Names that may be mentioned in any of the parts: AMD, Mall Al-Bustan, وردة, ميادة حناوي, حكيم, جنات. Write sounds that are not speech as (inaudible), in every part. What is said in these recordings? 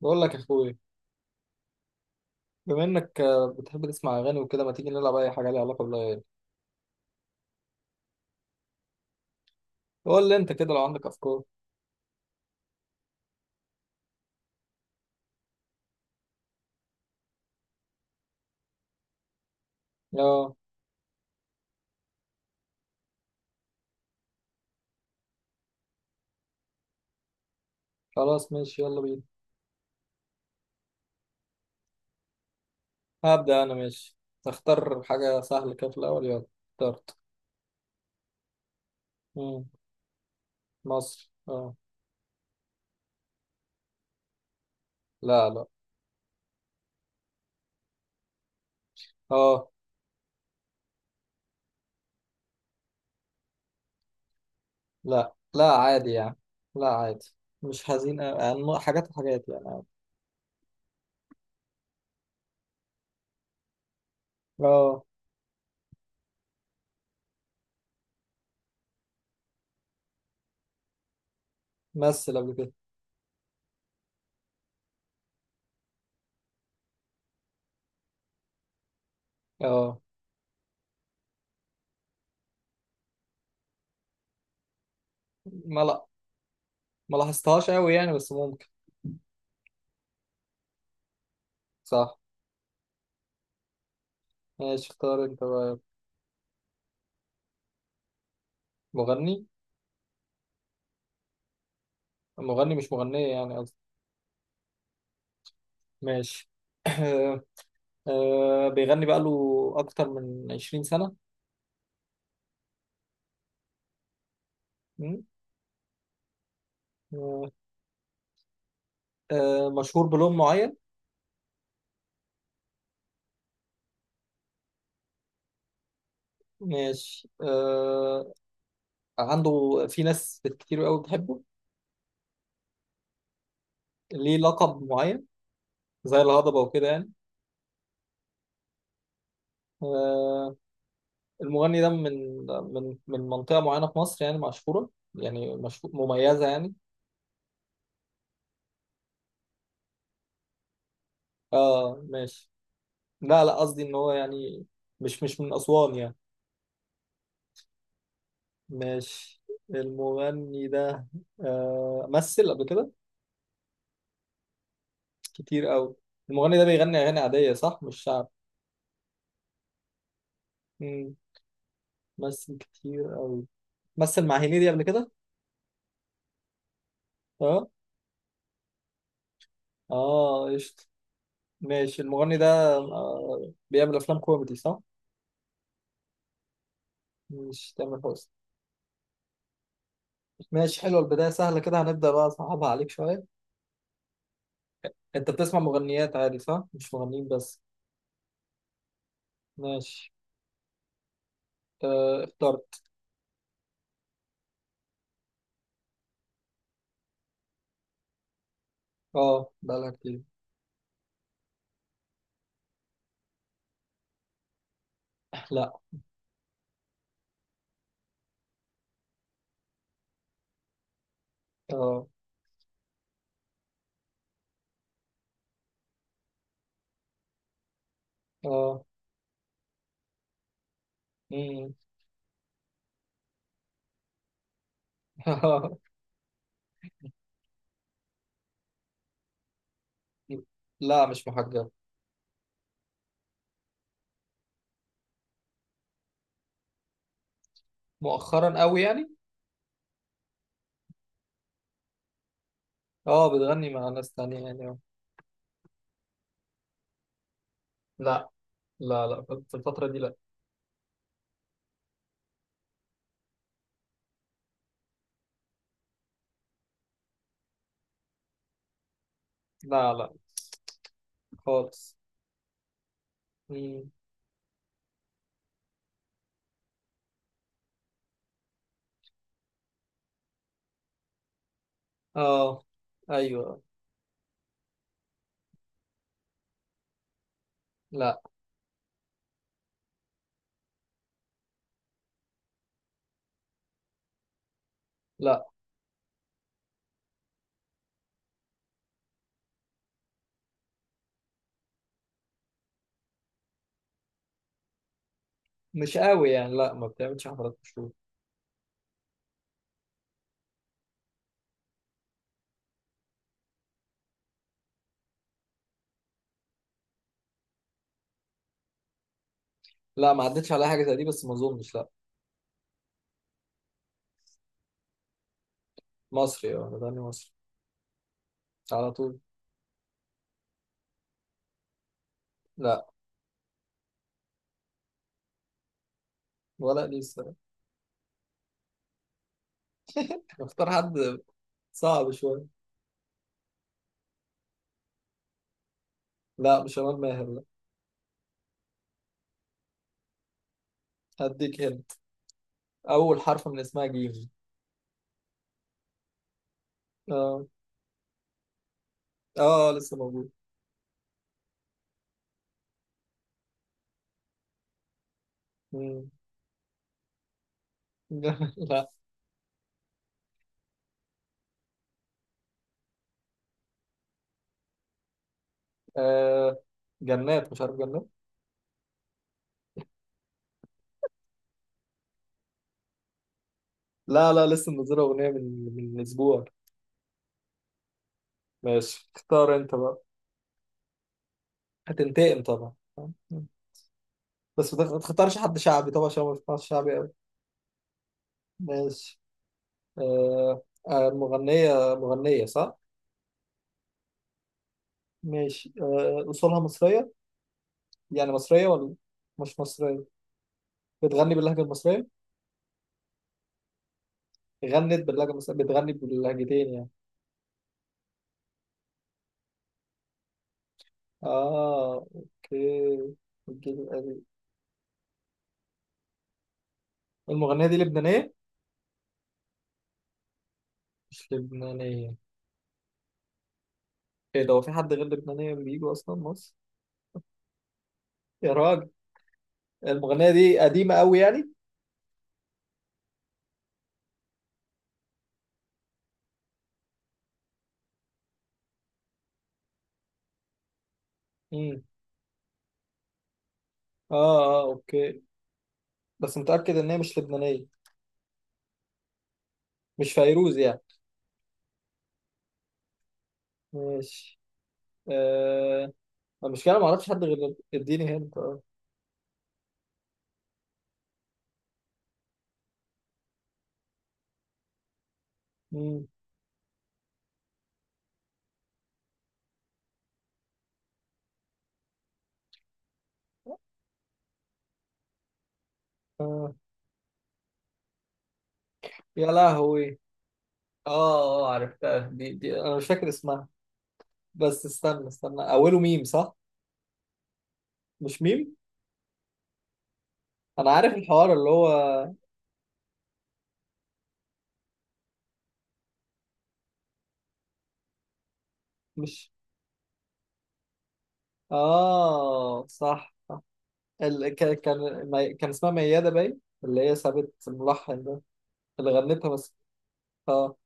بقول لك يا اخويا، بما انك بتحب تسمع اغاني وكده. ما تيجي نلعب اي حاجه ليها علاقه بالاغاني؟ قول لي انت كده لو عندك افكار. اه، خلاص ماشي، يلا بينا. هبدا انا، ماشي. اختار حاجه سهله كده في الاول، يلا. اخترت. مم. مصر، اه. لا، لا. اه. لا، لا، عادي يعني. لا، عادي. مش حزين أوي. يعني حاجات وحاجات يعني. اه. مثل قبل كده. اه. ما، لا. ما لاحظتهاش قوي يعني، بس ممكن. صح. ماشي، اختار انت بقى. مغني. مغني، مش مغنية يعني. ماشي (coughs) آه، بيغني بقاله أكتر من 20 سنة. مم. آه، مشهور بلون معين. ماشي. عنده في ناس كتير قوي بتحبه. ليه لقب معين زي الهضبة وكده يعني؟ آه، المغني ده من منطقة معينة في مصر، يعني مشهورة. يعني مشهور، مميزة يعني. اه، ماشي. لا، لا، قصدي ان هو يعني. مش من أسوان يعني. ماشي. المغني ده. مثل قبل كده. كتير قوي. المغني ده بيغني اغاني عاديه، صح؟ مش شعب؟ امم مثل كتير قوي. مثل مع هنيدي قبل كده. اه. اه، قشطة. ماشي، المغني ده. بيعمل افلام كوميدي، صح؟ مش تامر حسني؟ ماشي، حلوه. البدايه سهله كده، هنبدا بقى اصعبها عليك شويه. انت بتسمع مغنيات عادي، صح؟ مش مغنيين بس. ماشي. اخترت. اه، بقالها كتير. لا. اه. اه. امم. (laughs) لا، مش محجبه. مؤخرا قوي يعني؟ اه، بتغني مع ناس تانية يعني؟ لا، لا، لا. في الفترة دي، لا. لا، لا. خالص. مم. اه. ايوه. لا. لا. مش قوي يعني، لا، ما بتعملش حفلات مشهورة. لا، ما عدتش على حاجة زي دي، بس ما اظنش، لا. مصري، اه، انا بغني مصري. على طول. لا. ولا لسه. نختار حد. صعب شوية. لا، مش شمال ماهر، لا. هديك هنت. أول حرف من اسمها جيم. اه. اه، لسه موجود. مم. (laughs) لا. آه. جنات؟ مش عارف، جنات. لا، لا، لسه منزلة أغنية من أسبوع. ماشي، اختار انت بقى. هتنتقم طبعا. بس ما تختارش حد شعبي طبعا، عشان ما بسمعش شعبي قوي. ماشي. آه مغنية صح؟ ماشي. أصولها مصرية؟ يعني مصرية، ولا؟ مش مصرية؟ بتغني باللهجة المصرية؟ غنت باللهجة المصرية؟ بتغني باللهجتين يعني؟ أوكي. الجيل القديم. المغنية دي لبنانية؟ مش لبنانية. إيه ده؟ هو في حد غير لبنانية بيجوا أصلا مصر؟ يا راجل. المغنية دي قديمة قوي يعني؟ مم. اه، اه، اوكي. بس متأكد ان هي مش لبنانية؟ مش فيروز يعني؟ ماشي. آه المشكلة ما اعرفش حد، غير اديني هنت، اه. مم. آه. يا لهوي. اه، اه، عرفتها. دي انا مش فاكر اسمها. بس استنى استنى، اوله ميم، صح؟ مش ميم؟ انا عارف الحوار اللي هو. مش. اه، صح. ال... ك... كان مي... كان اسمها ميادة باين، اللي هي سابت الملحن ده. اللي غنتها بس. اه.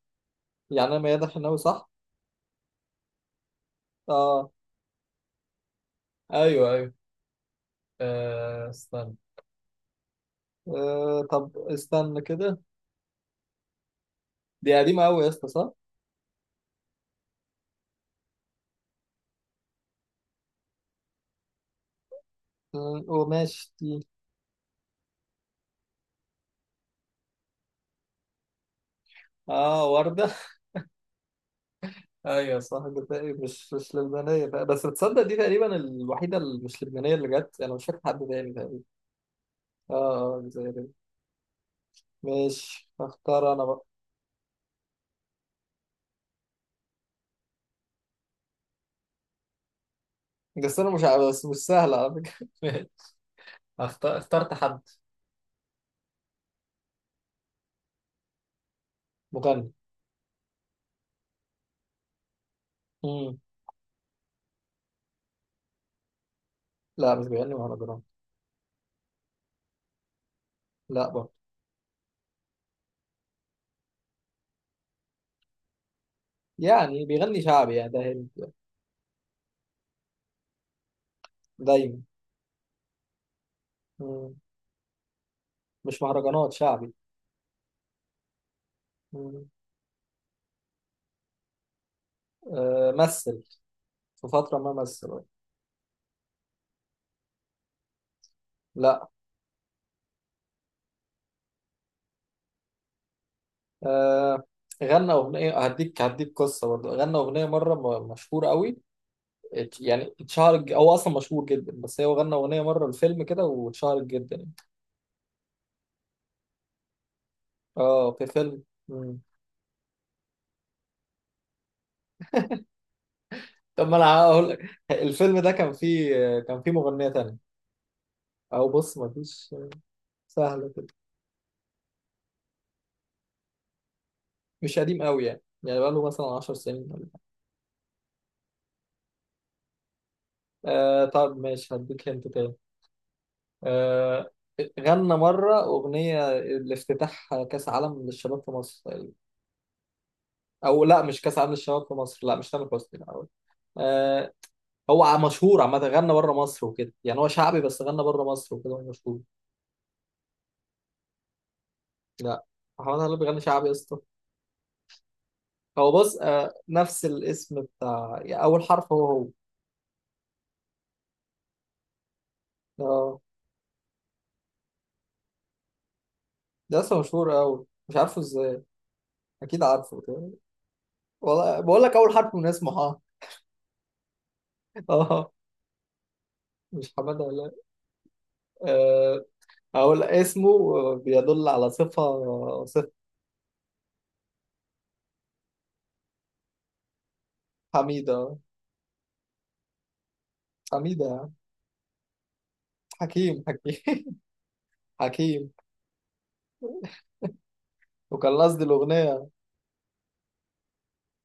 يعني انا، ميادة حناوي، صح؟ اه، ايوه، ايوه. استنى. طب استنى كده. دي قديمة أوي يا اسطى، صح؟ وماشي دي. اه، وردة (laughs) ايوه، صح، جزائري، مش لبنانية بقى. بس بتصدق، دي تقريبا الوحيدة اللي مش لبنانية اللي جت، أنا مش فاكر حد تاني تقريبا. اه. اه، جزائري. ماشي، هختار أنا بقى. بس أنا مش عارف، بس مش سهلة على فكرة (laughs) ماشي. هختار. اخترت حد. مغني. مم. لا، مش بيغني مهرجانات. لا برضه. يعني بيغني شعبي يعني؟ ده هند. دايما. مم. مش مهرجانات، شعبي. مثل. في فترة ما مثل، آه. لا. آه، غنى أغنية. هديك قصة. برضه غنى أغنية مرة مشهور قوي. يعني اتشهر. هو أصلا مشهور جدا، بس هو غنى أغنية مرة الفيلم كده واتشهرت جدا يعني. اه، في فيلم. مم. طب ما أنا هقول لك. الفيلم ده كان فيه. كان فيه مغنية تانية. أو بص، مفيش. سهلة كده. مش قديم قوي يعني بقاله مثلا 10 سنين ولا حاجة. طب ماشي، هديك هنت تاني. آه، غنى مرة أغنية لافتتاح كأس عالم للشباب في مصر. أو لا، مش كأس عالم للشباب في مصر، لا، مش تامر حسني، لا هو. آه، هو مشهور عامة. غنى بره مصر وكده، يعني هو شعبي، بس غنى بره مصر وكده هو مشهور. لا. محمد هلال بيغني شعبي يا اسطى. هو بص. نفس الاسم بتاع يعني، أول حرف هو. اه، ده اسم مشهور أوي، مش عارفه ازاي. أكيد عارفه كده. والله بقول لك، أول حرف من اسمه، اه. آه، مش حمادة. هلال. أقول اسمه بيدل على صفة، صفة. حميدة. حميدة. حكيم، حكيم. (laughs) حكيم. وكان قصدي الأغنية.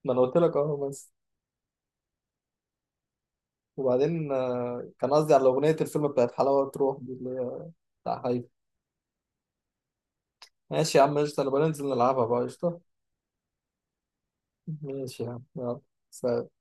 ما أنا قلت لك أهو، بس. وبعدين، كان قصدي على أغنية الفيلم بتاعت حلاوة تروح، دي اللي هي. بتاع حي. ماشي يا عم، قشطة. أنا بننزل نلعبها بقى، قشطة. ماشي يا عم، يلا. سلام.